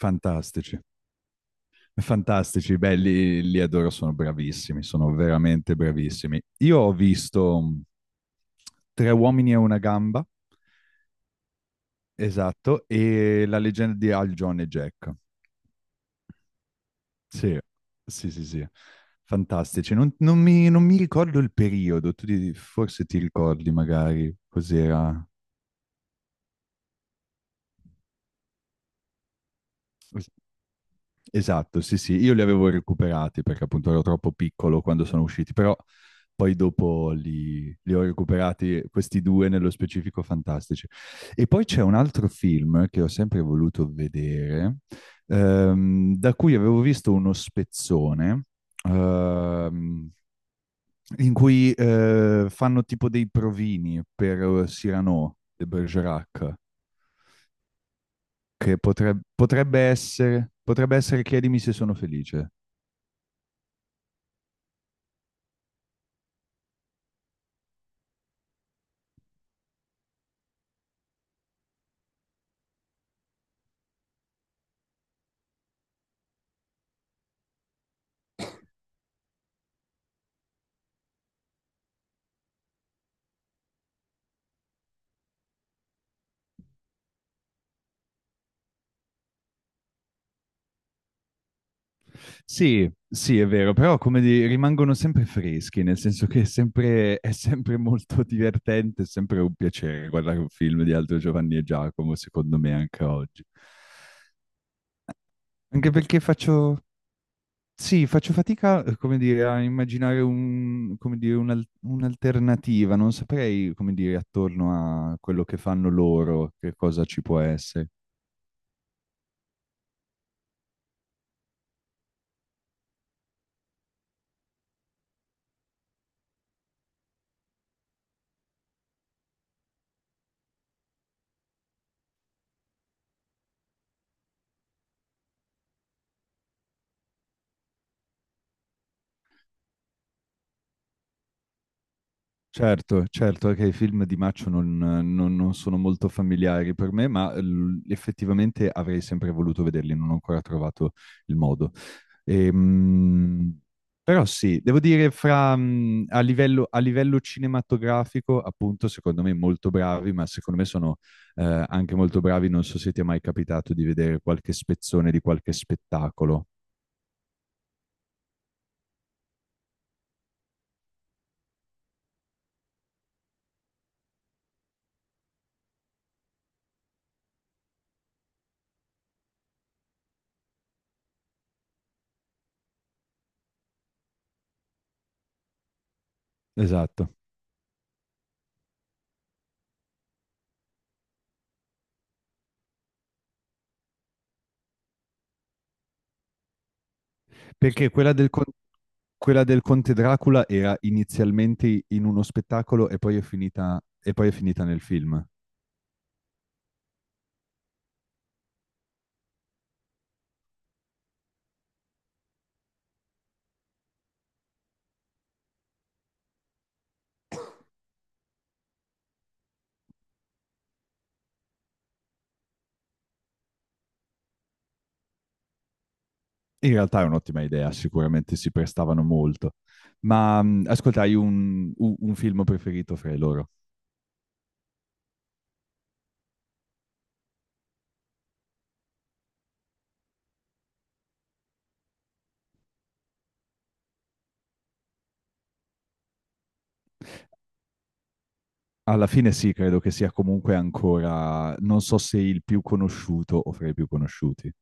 Fantastici, fantastici, belli, li adoro, sono bravissimi, sono veramente bravissimi. Io ho visto Tre uomini e una gamba, esatto, e La leggenda di Al John e Jack. Sì, sì, sì, sì, fantastici. Non mi ricordo il periodo, forse ti ricordi magari cos'era. Es- Esatto, sì, sì, io li avevo recuperati perché appunto ero troppo piccolo quando sono usciti, però poi dopo li ho recuperati questi due nello specifico fantastici. E poi c'è un altro film che ho sempre voluto vedere, da cui avevo visto uno spezzone, ehm, in cui fanno tipo dei provini per Cyrano de Bergerac che potrebbe essere Chiedimi se sono felice. Sì, sì, è vero, però rimangono sempre freschi, nel senso che è sempre molto divertente, è sempre un piacere guardare un film di Aldo Giovanni e Giacomo, secondo me, anche oggi. Anche perché sì, faccio fatica, come dire, a immaginare come dire, un'alternativa, non saprei, come dire, attorno a quello che fanno loro, che cosa ci può essere. Certo, certo, anche i film di Maccio non sono molto familiari per me, ma effettivamente avrei sempre voluto vederli, non ho ancora trovato il modo. Ehm, Però sì, devo dire, fra, a livello cinematografico, appunto, secondo me molto bravi, ma secondo me sono anche molto bravi, non so se ti è mai capitato di vedere qualche spezzone di qualche spettacolo. Esatto. Perché quella del Conte Dracula era inizialmente in uno spettacolo e poi è finita, e poi è finita nel film. In realtà è un'ottima idea, sicuramente si prestavano molto. Ma ascolta, hai un film preferito fra i loro? Alla fine sì, credo che sia comunque ancora, non so se il più conosciuto o fra i più conosciuti.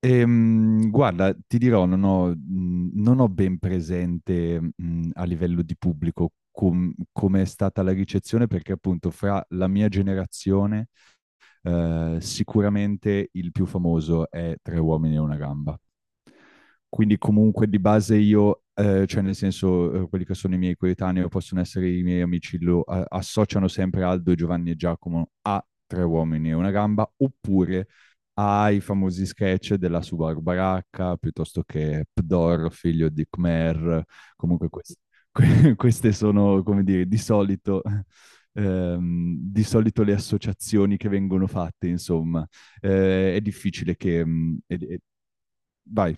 Guarda, ti dirò, non ho ben presente, a livello di pubblico come è stata la ricezione, perché appunto fra la mia generazione sicuramente il più famoso è Tre uomini e una gamba. Quindi comunque di base io, cioè nel senso quelli che sono i miei coetanei o possono essere i miei amici, associano sempre Aldo, Giovanni e Giacomo a Tre uomini e una gamba, oppure ai famosi sketch della Subaru Baracca, piuttosto che Pdor, figlio di Khmer, comunque queste sono, come dire, di solito le associazioni che vengono fatte, insomma, è difficile che... vai.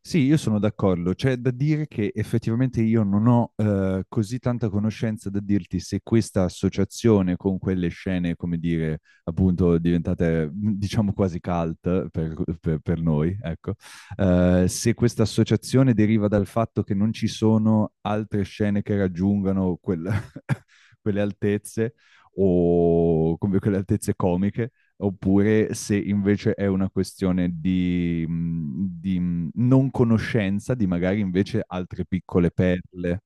Sì, io sono d'accordo. C'è da dire che effettivamente io non ho così tanta conoscenza da dirti se questa associazione con quelle scene, come dire, appunto diventate diciamo quasi cult per, per noi, ecco, se questa associazione deriva dal fatto che non ci sono altre scene che raggiungano quelle altezze o come quelle altezze comiche oppure se invece è una questione di, non conoscenza di magari invece altre piccole perle.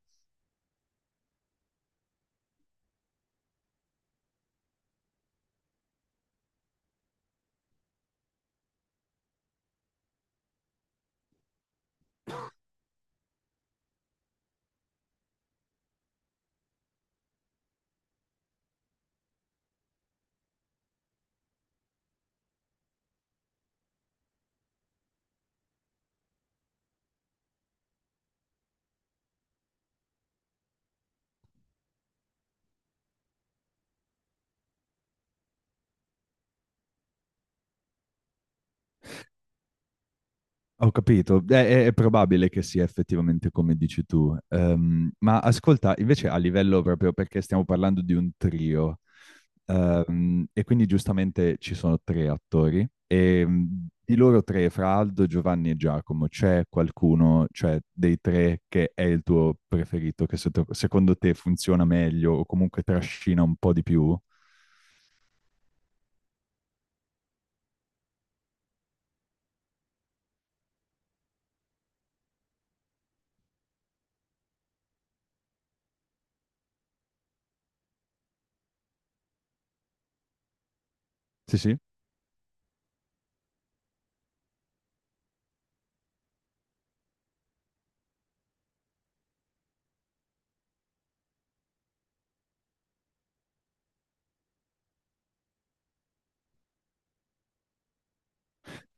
Ho capito, è probabile che sia effettivamente come dici tu. Ma ascolta, invece a livello proprio perché stiamo parlando di un trio, e quindi giustamente ci sono tre attori, e di loro tre, fra Aldo, Giovanni e Giacomo, c'è qualcuno, cioè dei tre, che è il tuo preferito, che secondo te funziona meglio o comunque trascina un po' di più? Sì, sì.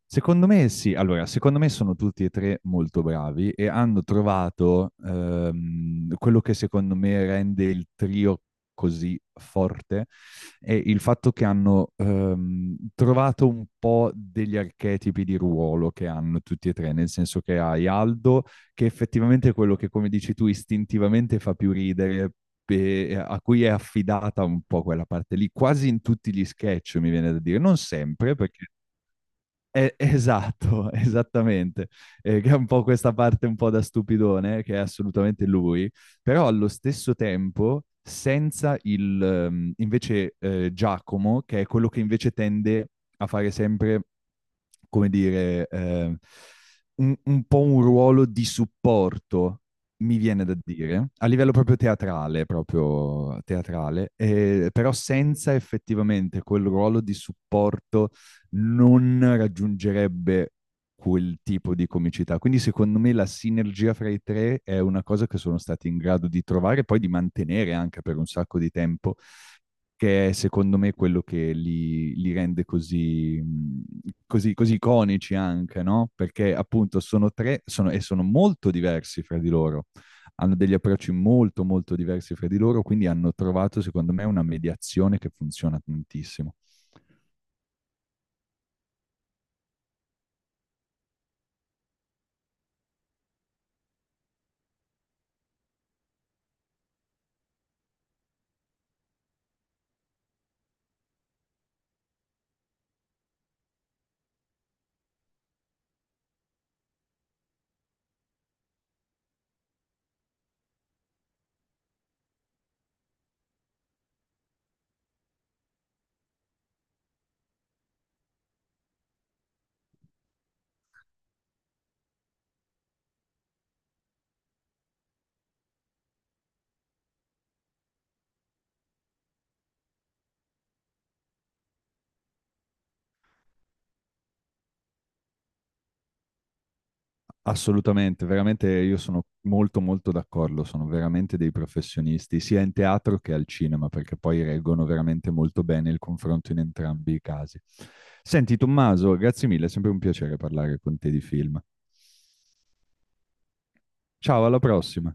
Secondo me sì, allora, secondo me sono tutti e tre molto bravi e hanno trovato quello che secondo me rende il trio così forte è il fatto che hanno trovato un po' degli archetipi di ruolo che hanno tutti e tre, nel senso che hai Aldo, che effettivamente è quello che, come dici tu, istintivamente fa più ridere, e a cui è affidata un po' quella parte lì, quasi in tutti gli sketch, mi viene da dire, non sempre, perché esatto, esattamente. Che è un po' questa parte un po' da stupidone, che è assolutamente lui, però allo stesso tempo senza il, invece, Giacomo, che è quello che invece tende a fare sempre, come dire, un po' un ruolo di supporto, mi viene da dire, a livello proprio teatrale, però senza effettivamente quel ruolo di supporto non raggiungerebbe quel tipo di comicità. Quindi secondo me la sinergia fra i tre è una cosa che sono stati in grado di trovare e poi di mantenere anche per un sacco di tempo, che è secondo me quello che li rende così, così, così iconici anche, no? Perché appunto sono tre sono, e sono molto diversi fra di loro, hanno degli approcci molto molto diversi fra di loro, quindi hanno trovato secondo me una mediazione che funziona tantissimo. Assolutamente, veramente io sono molto molto d'accordo, sono veramente dei professionisti, sia in teatro che al cinema, perché poi reggono veramente molto bene il confronto in entrambi i casi. Senti Tommaso, grazie mille, è sempre un piacere parlare con te di film. Ciao, alla prossima.